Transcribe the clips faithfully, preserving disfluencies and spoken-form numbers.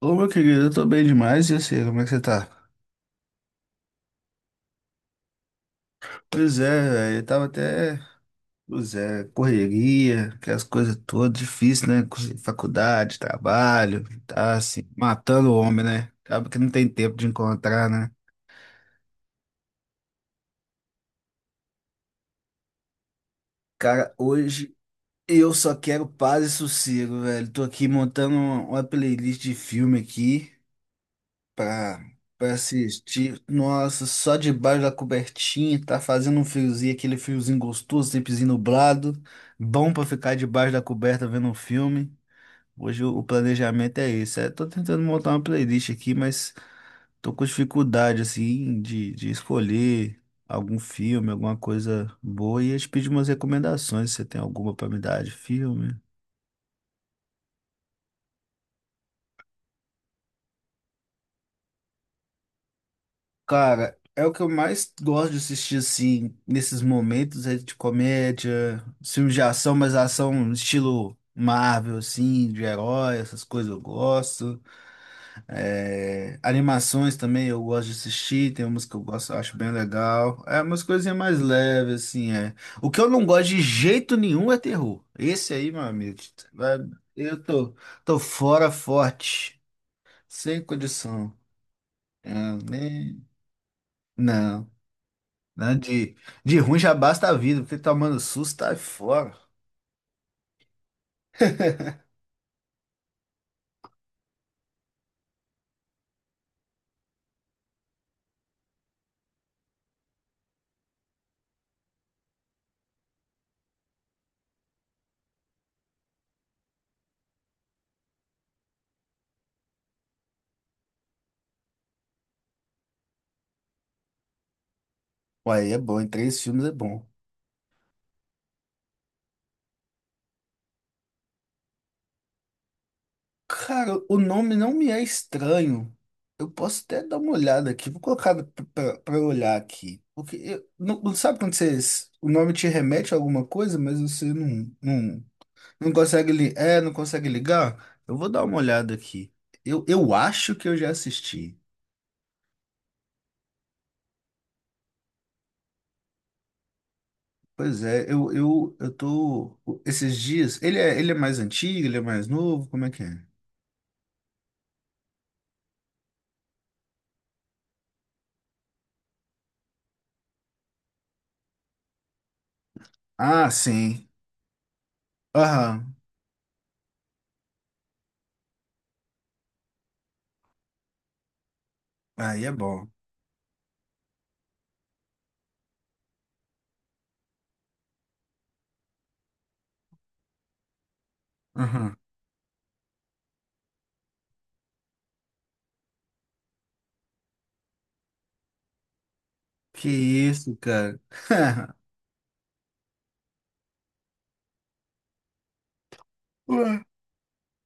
Ô, meu querido, eu tô bem demais, e assim, como é que você tá? Pois é, velho, eu tava até, pois é, correria, aquelas coisas todas, difícil, né? Com faculdade, trabalho, tá assim, matando o homem, né? Acaba que não tem tempo de encontrar, né? Cara, hoje eu só quero paz e sossego, velho. Tô aqui montando uma playlist de filme aqui. pra, pra assistir. Nossa, só debaixo da cobertinha, tá fazendo um friozinho, aquele friozinho gostoso, tempozinho nublado. Bom pra ficar debaixo da coberta vendo um filme. Hoje o o planejamento é esse. É, tô tentando montar uma playlist aqui, mas tô com dificuldade, assim, de, de escolher algum filme, alguma coisa boa. E eu te pedi umas recomendações, se você tem alguma pra me dar de filme. Cara, é o que eu mais gosto de assistir, assim, nesses momentos, é de comédia, filmes de ação, mas ação estilo Marvel, assim, de herói, essas coisas eu gosto. É, animações também eu gosto de assistir, tem umas que eu gosto, eu acho bem legal. É umas coisinhas mais leves, assim, é. O que eu não gosto de jeito nenhum é terror. Esse aí, meu amigo, vai- eu tô, tô fora forte, sem condição. É, nem. Não. Né? De, de ruim já basta a vida, porque tomando susto tá fora. Uai, é bom, em três filmes é bom. Cara, o nome não me é estranho. Eu posso até dar uma olhada aqui, vou colocar pra pra- pra eu olhar aqui. Porque eu- não, não sabe quando vocês, o nome te remete a alguma coisa, mas você não, não, não consegue, li- é, não consegue ligar? Eu vou dar uma olhada aqui. Eu, eu acho que eu já assisti. Pois é, eu, eu, eu tô. Esses dias. Ele é, ele é mais antigo, ele é mais novo, como é que é? Ah, sim. Aham. Aí é bom. Aham. Que isso, cara. Ué,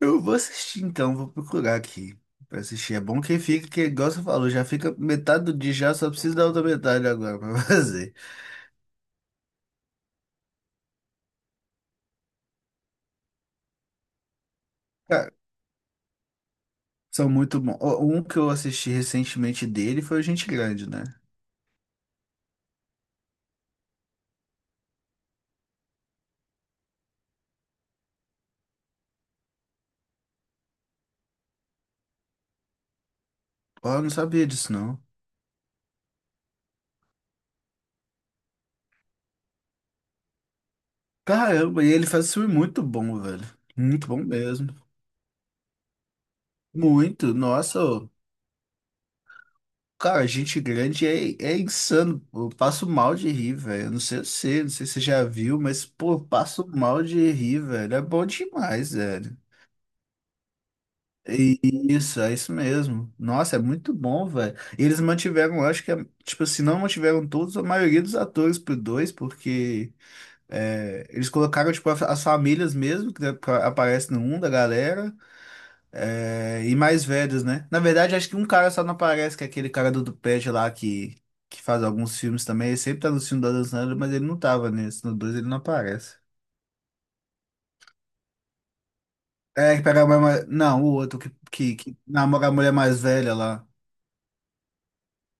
eu vou assistir então, vou procurar aqui pra assistir. É bom que fica, que igual você falou, já fica metade do dia já, só precisa da outra metade agora pra fazer. Cara, são muito bons. Ó, um que eu assisti recentemente dele foi o Gente Grande, né? Ó, eu não sabia disso, não. Caramba, e ele faz filme muito bom, velho. Muito bom mesmo. Muito, nossa. Ô. Cara, gente grande é, é insano. Eu passo mal de rir, velho. Eu não sei você, não sei se você já viu, mas, pô, eu passo mal de rir, velho. É bom demais, velho. E- e isso, é isso mesmo. Nossa, é muito bom, velho. E eles mantiveram, eu acho que, é- tipo, se não mantiveram todos, a maioria dos atores pro dois, porque é, eles colocaram, tipo, a- as famílias mesmo, que né, pra- aparece no um da galera. É, e mais velhos, né? Na verdade, acho que um cara só não aparece, que é aquele cara do Duped lá que, que faz alguns filmes também. Ele sempre tá no filme da Dan Sandler, mas ele não tava nesse. No dois ele não aparece. É, que pega a mulher mais. Não, o outro que, que, que namora a mulher mais velha lá.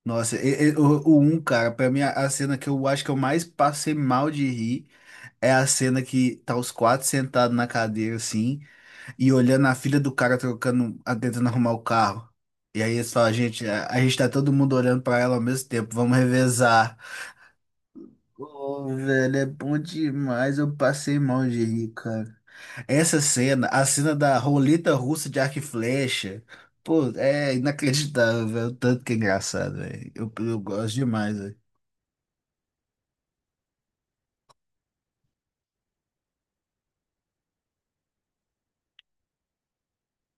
Nossa, e- e- o, o um, cara, pra mim, a, a cena que eu acho que eu mais passei mal de rir é a cena que tá os quatro sentados na cadeira, assim. E olhando a filha do cara trocando, a- tentando arrumar o carro. E aí eles falam, gente, a, a gente tá todo mundo olhando pra ela ao mesmo tempo, vamos revezar. Ô, velho, é bom demais, eu passei mal de rir, cara. Essa cena, a cena da roleta russa de arco e flecha, pô, é inacreditável, velho, o tanto que é engraçado, velho. Eu, eu gosto demais, velho.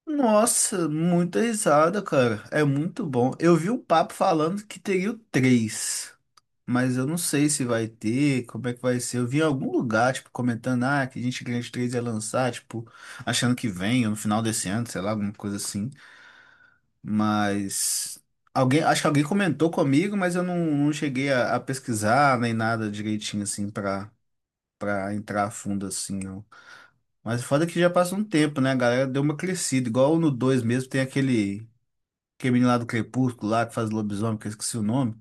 Nossa, muita risada, cara. É muito bom. Eu vi um papo falando que teria o três. Mas eu não sei se vai ter, como é que vai ser. Eu vi em algum lugar, tipo, comentando, ah, que a Gente Grande três ia lançar, tipo, achando que vem, ou no final desse ano, sei lá, alguma coisa assim. Mas alguém, acho que alguém comentou comigo, mas eu não, não cheguei a, a pesquisar nem nada direitinho, assim, pra, para entrar a fundo, assim, não. Mas o foda é que já passa um tempo, né? A galera deu uma crescida, igual no dois mesmo, tem aquele, aquele menino lá do Crepúsculo, lá, que faz lobisomem, que eu esqueci o nome.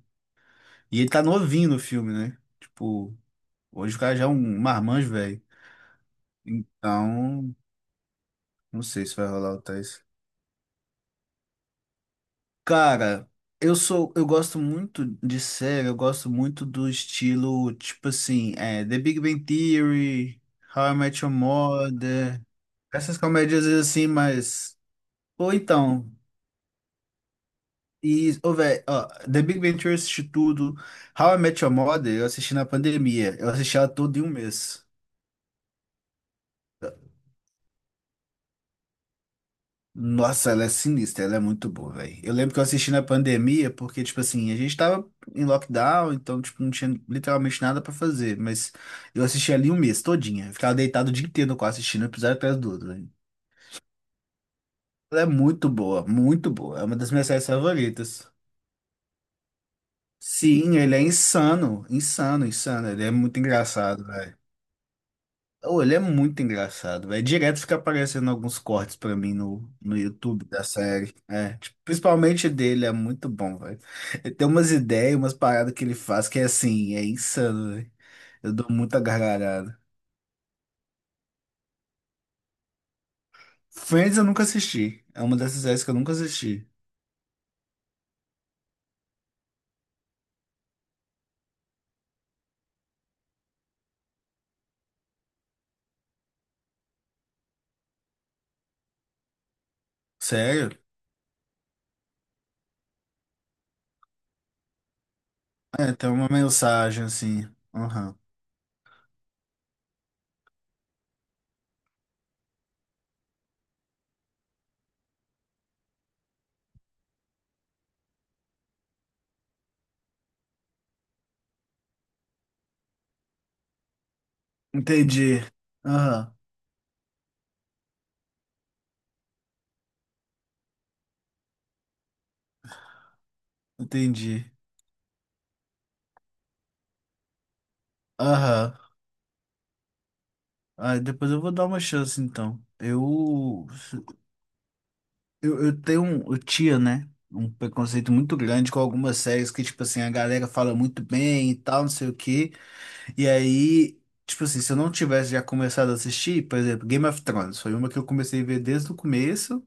E ele tá novinho no filme, né? Tipo. Hoje o cara já é um marmanjo, velho. Então, não sei se vai rolar o Tais. Cara, eu sou, eu gosto muito de série, eu gosto muito do estilo, tipo assim, é, The Big Bang Theory, How I Met Your Mother, essas comédias assim, mas. Ou então, e, ô, velho, ó, The Big Bang Theory eu assisti tudo, How I Met Your Mother eu assisti na pandemia, eu assisti ela toda em um mês. Nossa, ela é sinistra, ela é muito boa, velho. Eu lembro que eu assisti na pandemia, porque, tipo assim, a gente tava em lockdown, então, tipo, não tinha literalmente nada pra fazer. Mas eu assisti ali um mês todinha. Eu ficava deitado o dia inteiro no quarto assistindo um episódio atrás do outro, velho. Ela é muito boa, muito boa. É uma das minhas séries favoritas. Sim, ele é insano, insano, insano. Ele é muito engraçado. Oh, ele é muito engraçado, velho. Direto fica aparecendo alguns cortes pra mim no, no YouTube da série. É, tipo, principalmente dele, é muito bom, velho. Ele tem umas ideias, umas paradas que ele faz que é assim, é insano, velho. Eu dou muita gargalhada. Friends eu nunca assisti. É uma dessas séries que eu nunca assisti. Sério? É, tem uma mensagem assim. Aham. Entendi. Aham. Entendi. Aham. Ah, depois eu vou dar uma chance então. Eu. Eu, eu tenho um, eu tinha, né, um preconceito muito grande com algumas séries que, tipo assim, a galera fala muito bem e tal, não sei o quê. E aí, tipo assim, se eu não tivesse já começado a assistir, por exemplo, Game of Thrones, foi uma que eu comecei a ver desde o começo.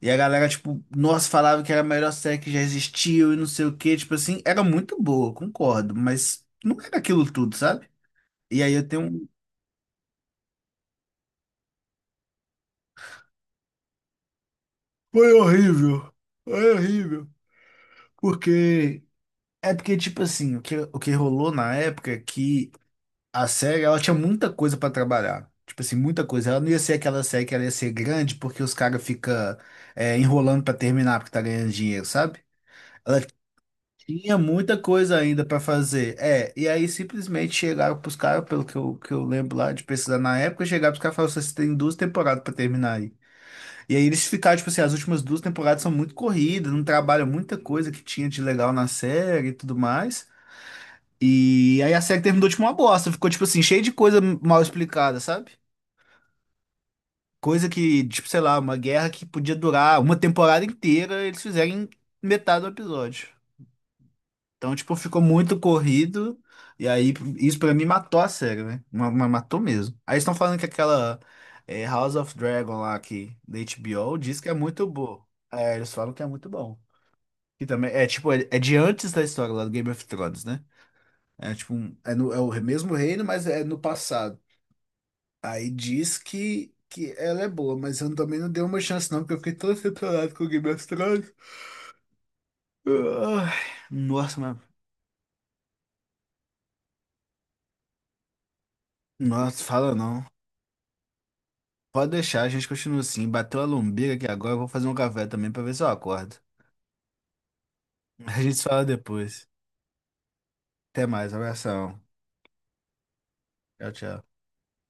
E a galera, tipo, nossa, falava que era a melhor série que já existiu e não sei o quê. Tipo assim, era muito boa, concordo, mas não era aquilo tudo, sabe? E aí eu tenho um. Foi horrível, foi horrível. Porque. É porque, tipo assim, o que, o que rolou na época é que a série, ela tinha muita coisa pra trabalhar. Tipo assim, muita coisa. Ela não ia ser aquela série que ela ia ser grande porque os caras ficam enrolando pra terminar porque tá ganhando dinheiro, sabe? Tinha muita coisa ainda pra fazer. É, e aí simplesmente chegaram pros caras, pelo que eu, que eu lembro lá de pesquisar na época, chegaram pros caras e falaram assim, você tem duas temporadas pra terminar aí. E aí eles ficaram, tipo assim, as últimas duas temporadas são muito corridas, não trabalham muita coisa que tinha de legal na série e tudo mais. E aí a série terminou tipo uma bosta, ficou tipo assim, cheio de coisa mal explicada, sabe? Coisa que, tipo, sei lá, uma guerra que podia durar uma temporada inteira, eles fizerem metade do episódio. Então, tipo, ficou muito corrido. E aí, isso pra mim matou a série, né? Ma- ma- Matou mesmo. Aí estão falando que aquela eh, House of Dragon lá que, da H B O diz que é muito boa. É, eles falam que é muito bom. Que também é tipo, é, é de antes da história lá do Game of Thrones, né? É tipo, um- é, no, é o mesmo reino, mas é no passado. Aí diz que, que ela é boa, mas eu também não dei uma chance, não, porque eu fiquei tão decepcionado com o Game of Thrones. Ai, nossa, mas. Nossa, fala não. Pode deixar, a gente continua assim. Bateu a lombriga aqui agora, eu vou fazer um café também pra ver se eu acordo. A gente se fala depois. Até mais, abração. Tchau, tchau.